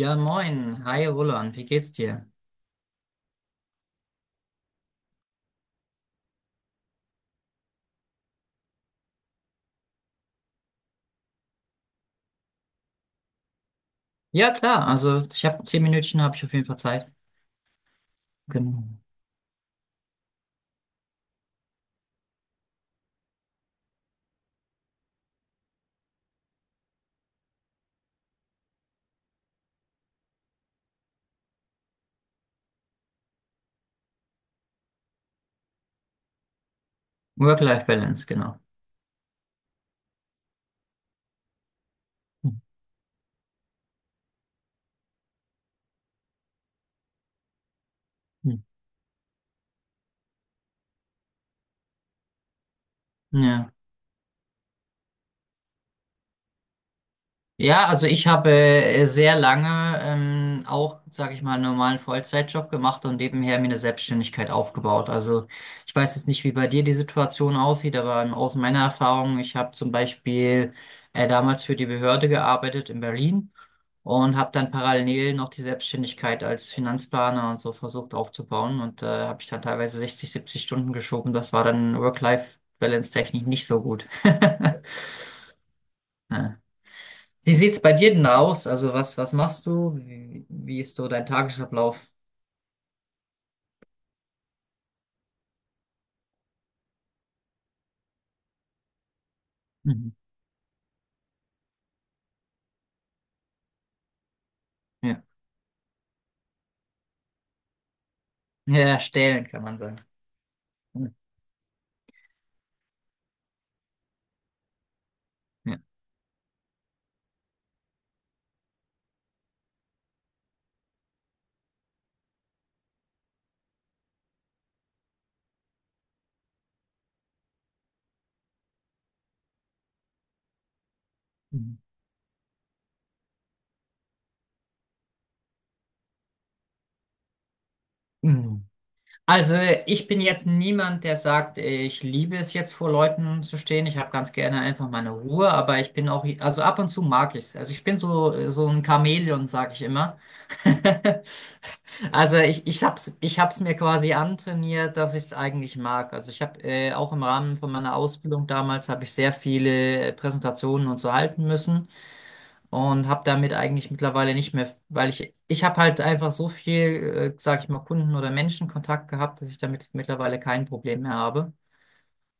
Ja, moin. Hi, Roland. Wie geht's dir? Ja, klar. Also, ich habe 10 Minütchen, habe ich auf jeden Fall Zeit. Genau. Work-Life-Balance, genau. Hm, hm. Ja. Ja, also ich habe sehr lange auch, sage ich mal, einen normalen Vollzeitjob gemacht und nebenher mir eine Selbstständigkeit aufgebaut. Also ich weiß jetzt nicht, wie bei dir die Situation aussieht, aber aus meiner Erfahrung, ich habe zum Beispiel damals für die Behörde gearbeitet in Berlin und habe dann parallel noch die Selbstständigkeit als Finanzplaner und so versucht aufzubauen und habe ich dann teilweise 60, 70 Stunden geschoben. Das war dann Work-Life-Balance-technisch nicht so gut. Ja. Wie sieht's bei dir denn aus? Also was, was machst du? Wie, wie ist so dein Tagesablauf? Mhm. Ja. Ja, erstellen kann man sagen. Hm, ja. Mhm. Mhm. Also ich bin jetzt niemand, der sagt, ich liebe es jetzt vor Leuten zu stehen. Ich habe ganz gerne einfach meine Ruhe, aber ich bin auch, also ab und zu mag ich es. Also ich bin so, so ein Chamäleon, sage ich immer. Also ich hab's, ich hab's mir quasi antrainiert, dass ich es eigentlich mag. Also ich habe auch im Rahmen von meiner Ausbildung damals habe ich sehr viele Präsentationen und so halten müssen und habe damit eigentlich mittlerweile nicht mehr, weil ich habe halt einfach so viel, sag ich mal, Kunden- oder Menschenkontakt gehabt, dass ich damit mittlerweile kein Problem mehr habe.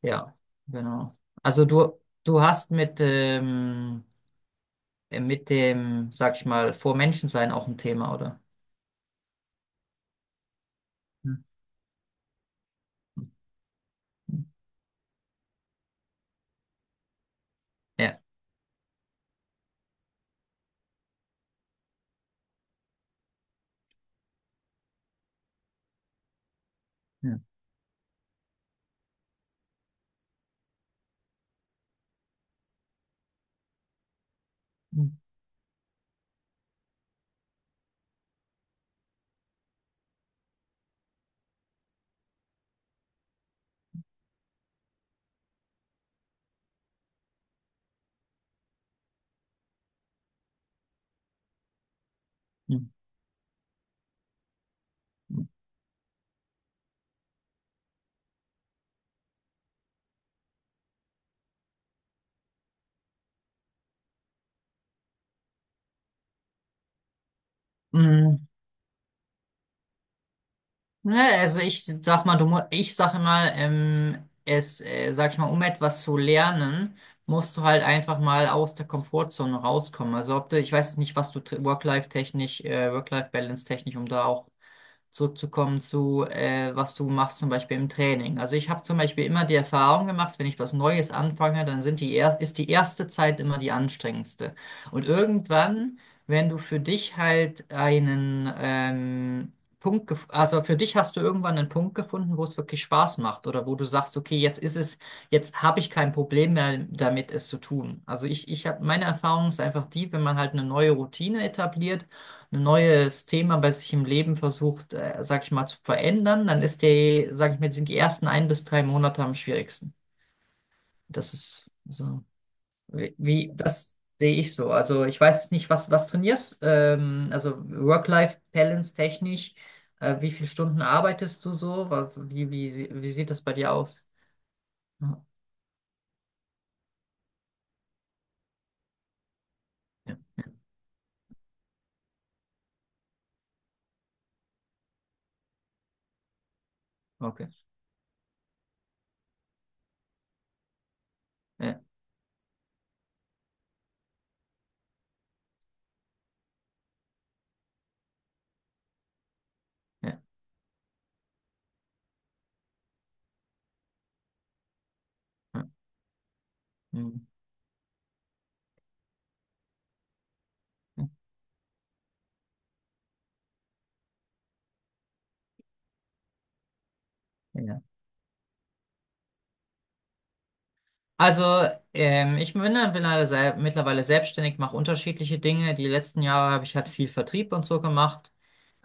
Ja, genau. Also du hast mit dem, sag ich mal, vor Menschen sein auch ein Thema, oder? Hm. Ja. Ja. Hm. Hm. Mm, Ne, also ich sag mal, du, ich sag mal, es, sag ich mal, um etwas zu lernen, musst du halt einfach mal aus der Komfortzone rauskommen. Also ob du, ich weiß jetzt nicht, was du Work-Life-technisch, Work-Life-Balance-technisch, um da auch zurückzukommen zu, was du machst, zum Beispiel im Training. Also ich habe zum Beispiel immer die Erfahrung gemacht, wenn ich was Neues anfange, dann sind die er ist die erste Zeit immer die anstrengendste. Und irgendwann, wenn du für dich halt einen also für dich hast du irgendwann einen Punkt gefunden, wo es wirklich Spaß macht oder wo du sagst, okay, jetzt ist es, jetzt habe ich kein Problem mehr damit, es zu tun. Also ich habe, meine Erfahrung ist einfach die, wenn man halt eine neue Routine etabliert, ein neues Thema bei sich im Leben versucht, sag ich mal, zu verändern, dann ist die, sag ich mal, sind die ersten ein bis drei Monate am schwierigsten. Das ist so, das sehe ich so. Also ich weiß jetzt nicht, was, was trainierst, also Work-Life-Balance technisch, wie viele Stunden arbeitest du so? Wie, wie, wie sieht das bei dir aus? Ja, okay. Ja, ja, ja. Hm. Ja. Also, ich bin ja mittlerweile mittlerweile selbstständig, mache unterschiedliche Dinge. Die letzten Jahre habe ich halt viel Vertrieb und so gemacht.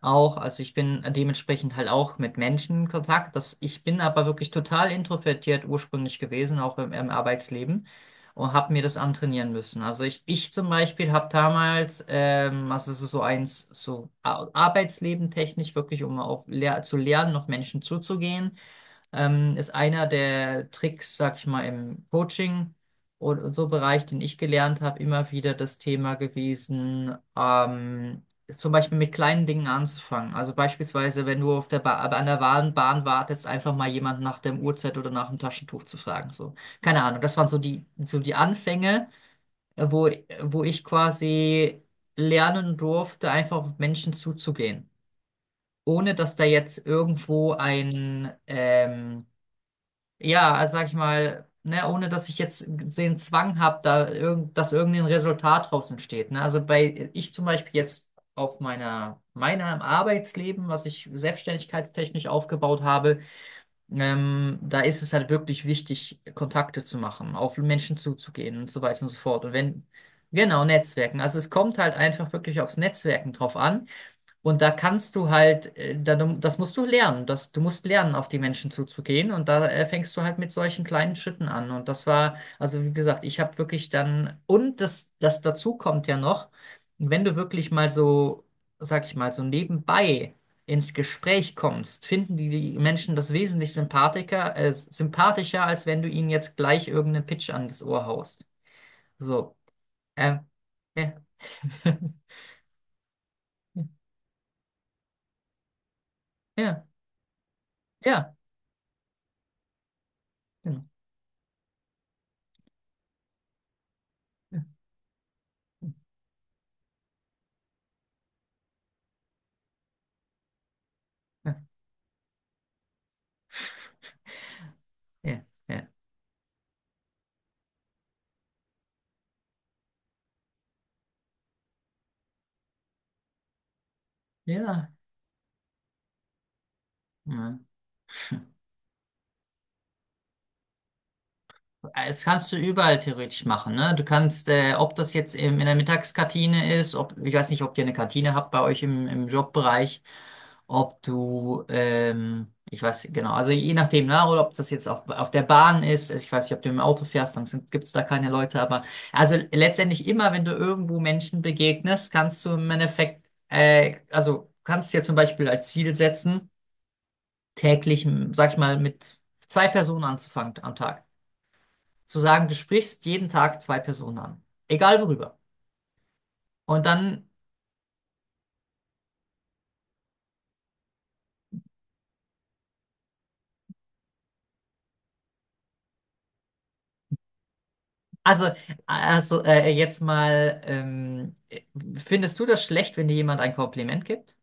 Auch, also ich bin dementsprechend halt auch mit Menschen in Kontakt. Das, ich bin aber wirklich total introvertiert ursprünglich gewesen, auch im, im Arbeitsleben, und habe mir das antrainieren müssen. Also ich zum Beispiel habe damals, also es ist so eins, so Arbeitsleben technisch wirklich, um auch lehr zu lernen, auf Menschen zuzugehen ist einer der Tricks, sag ich mal, im Coaching und so Bereich, den ich gelernt habe, immer wieder das Thema gewesen, zum Beispiel mit kleinen Dingen anzufangen. Also beispielsweise, wenn du auf der ba an der Bahn wartest, einfach mal jemand nach dem Uhrzeit oder nach dem Taschentuch zu fragen. So. Keine Ahnung, das waren so die Anfänge, wo, wo ich quasi lernen durfte, einfach auf Menschen zuzugehen. Ohne dass da jetzt irgendwo ein, ja, also sag ich mal, ne, ohne dass ich jetzt den Zwang habe, da irgend, dass irgendein Resultat draus entsteht. Ne? Also bei ich zum Beispiel jetzt auf meiner, meiner Arbeitsleben, was ich selbstständigkeitstechnisch aufgebaut habe, da ist es halt wirklich wichtig, Kontakte zu machen, auf Menschen zuzugehen und so weiter und so fort. Und wenn, genau, Netzwerken. Also es kommt halt einfach wirklich aufs Netzwerken drauf an. Und da kannst du halt, da, das musst du lernen. Das, du musst lernen, auf die Menschen zuzugehen. Und da fängst du halt mit solchen kleinen Schritten an. Und das war, also wie gesagt, ich habe wirklich dann, und das, das dazu kommt ja noch, wenn du wirklich mal so, sag ich mal, so nebenbei ins Gespräch kommst, finden die, die Menschen das wesentlich sympathischer, als wenn du ihnen jetzt gleich irgendeinen Pitch an das Ohr haust. So. Äh, ja, ja, ja, genau. Ja, ja, ja. Ja. Ja. Ja. Das kannst du überall theoretisch machen, ne? Du kannst, ob das jetzt im, in der Mittagskantine ist, ob, ich weiß nicht, ob ihr eine Kantine habt bei euch im, im Jobbereich, ob du, ich weiß genau, also je nachdem, ne? Oder ob das jetzt auf der Bahn ist, also ich weiß nicht, ob du im Auto fährst, dann gibt es da keine Leute, aber also letztendlich immer, wenn du irgendwo Menschen begegnest, kannst du im Endeffekt, also kannst dir zum Beispiel als Ziel setzen, täglich, sag ich mal, mit 2 Personen anzufangen am Tag. Zu sagen, du sprichst jeden Tag 2 Personen an. Egal worüber. Und dann, also, also jetzt mal, findest du das schlecht, wenn dir jemand ein Kompliment gibt?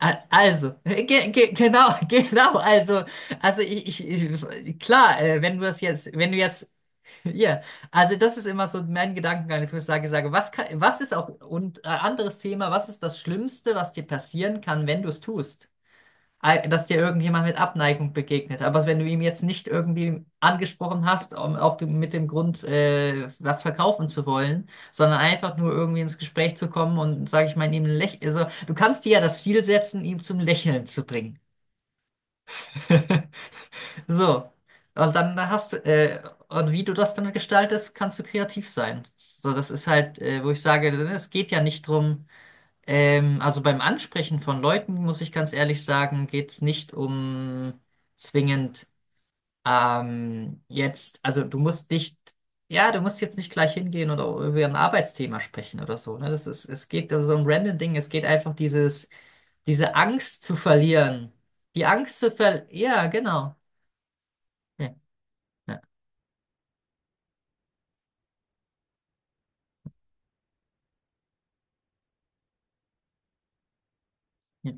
Also, ge ge genau, genau, also ich klar, wenn du das jetzt, wenn du jetzt, ja, also das ist immer so mein Gedankengang, wo ich sage, was kann, was ist auch, und anderes Thema, was ist das Schlimmste, was dir passieren kann, wenn du es tust? Dass dir irgendjemand mit Abneigung begegnet. Aber wenn du ihm jetzt nicht irgendwie angesprochen hast, um, auf dem, mit dem Grund, was verkaufen zu wollen, sondern einfach nur irgendwie ins Gespräch zu kommen und, sage ich mal, ihm ein Lächeln, also du kannst dir ja das Ziel setzen, ihm zum Lächeln zu bringen. So. Und dann hast du, und wie du das dann gestaltest, kannst du kreativ sein. So, das ist halt, wo ich sage, es geht ja nicht drum, also beim Ansprechen von Leuten, muss ich ganz ehrlich sagen, geht es nicht um zwingend jetzt, also du musst nicht, ja, du musst jetzt nicht gleich hingehen oder über ein Arbeitsthema sprechen oder so, ne? Das ist, es geht also so ein random Ding, es geht einfach dieses, diese Angst zu verlieren. Die Angst zu verlieren, ja, genau. Ja, ja, ja.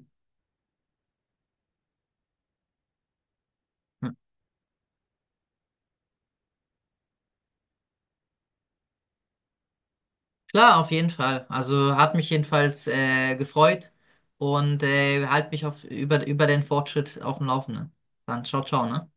Klar, auf jeden Fall. Also hat mich jedenfalls gefreut und halt mich auf, über, über den Fortschritt auf dem Laufenden. Dann ciao, ciao, ne?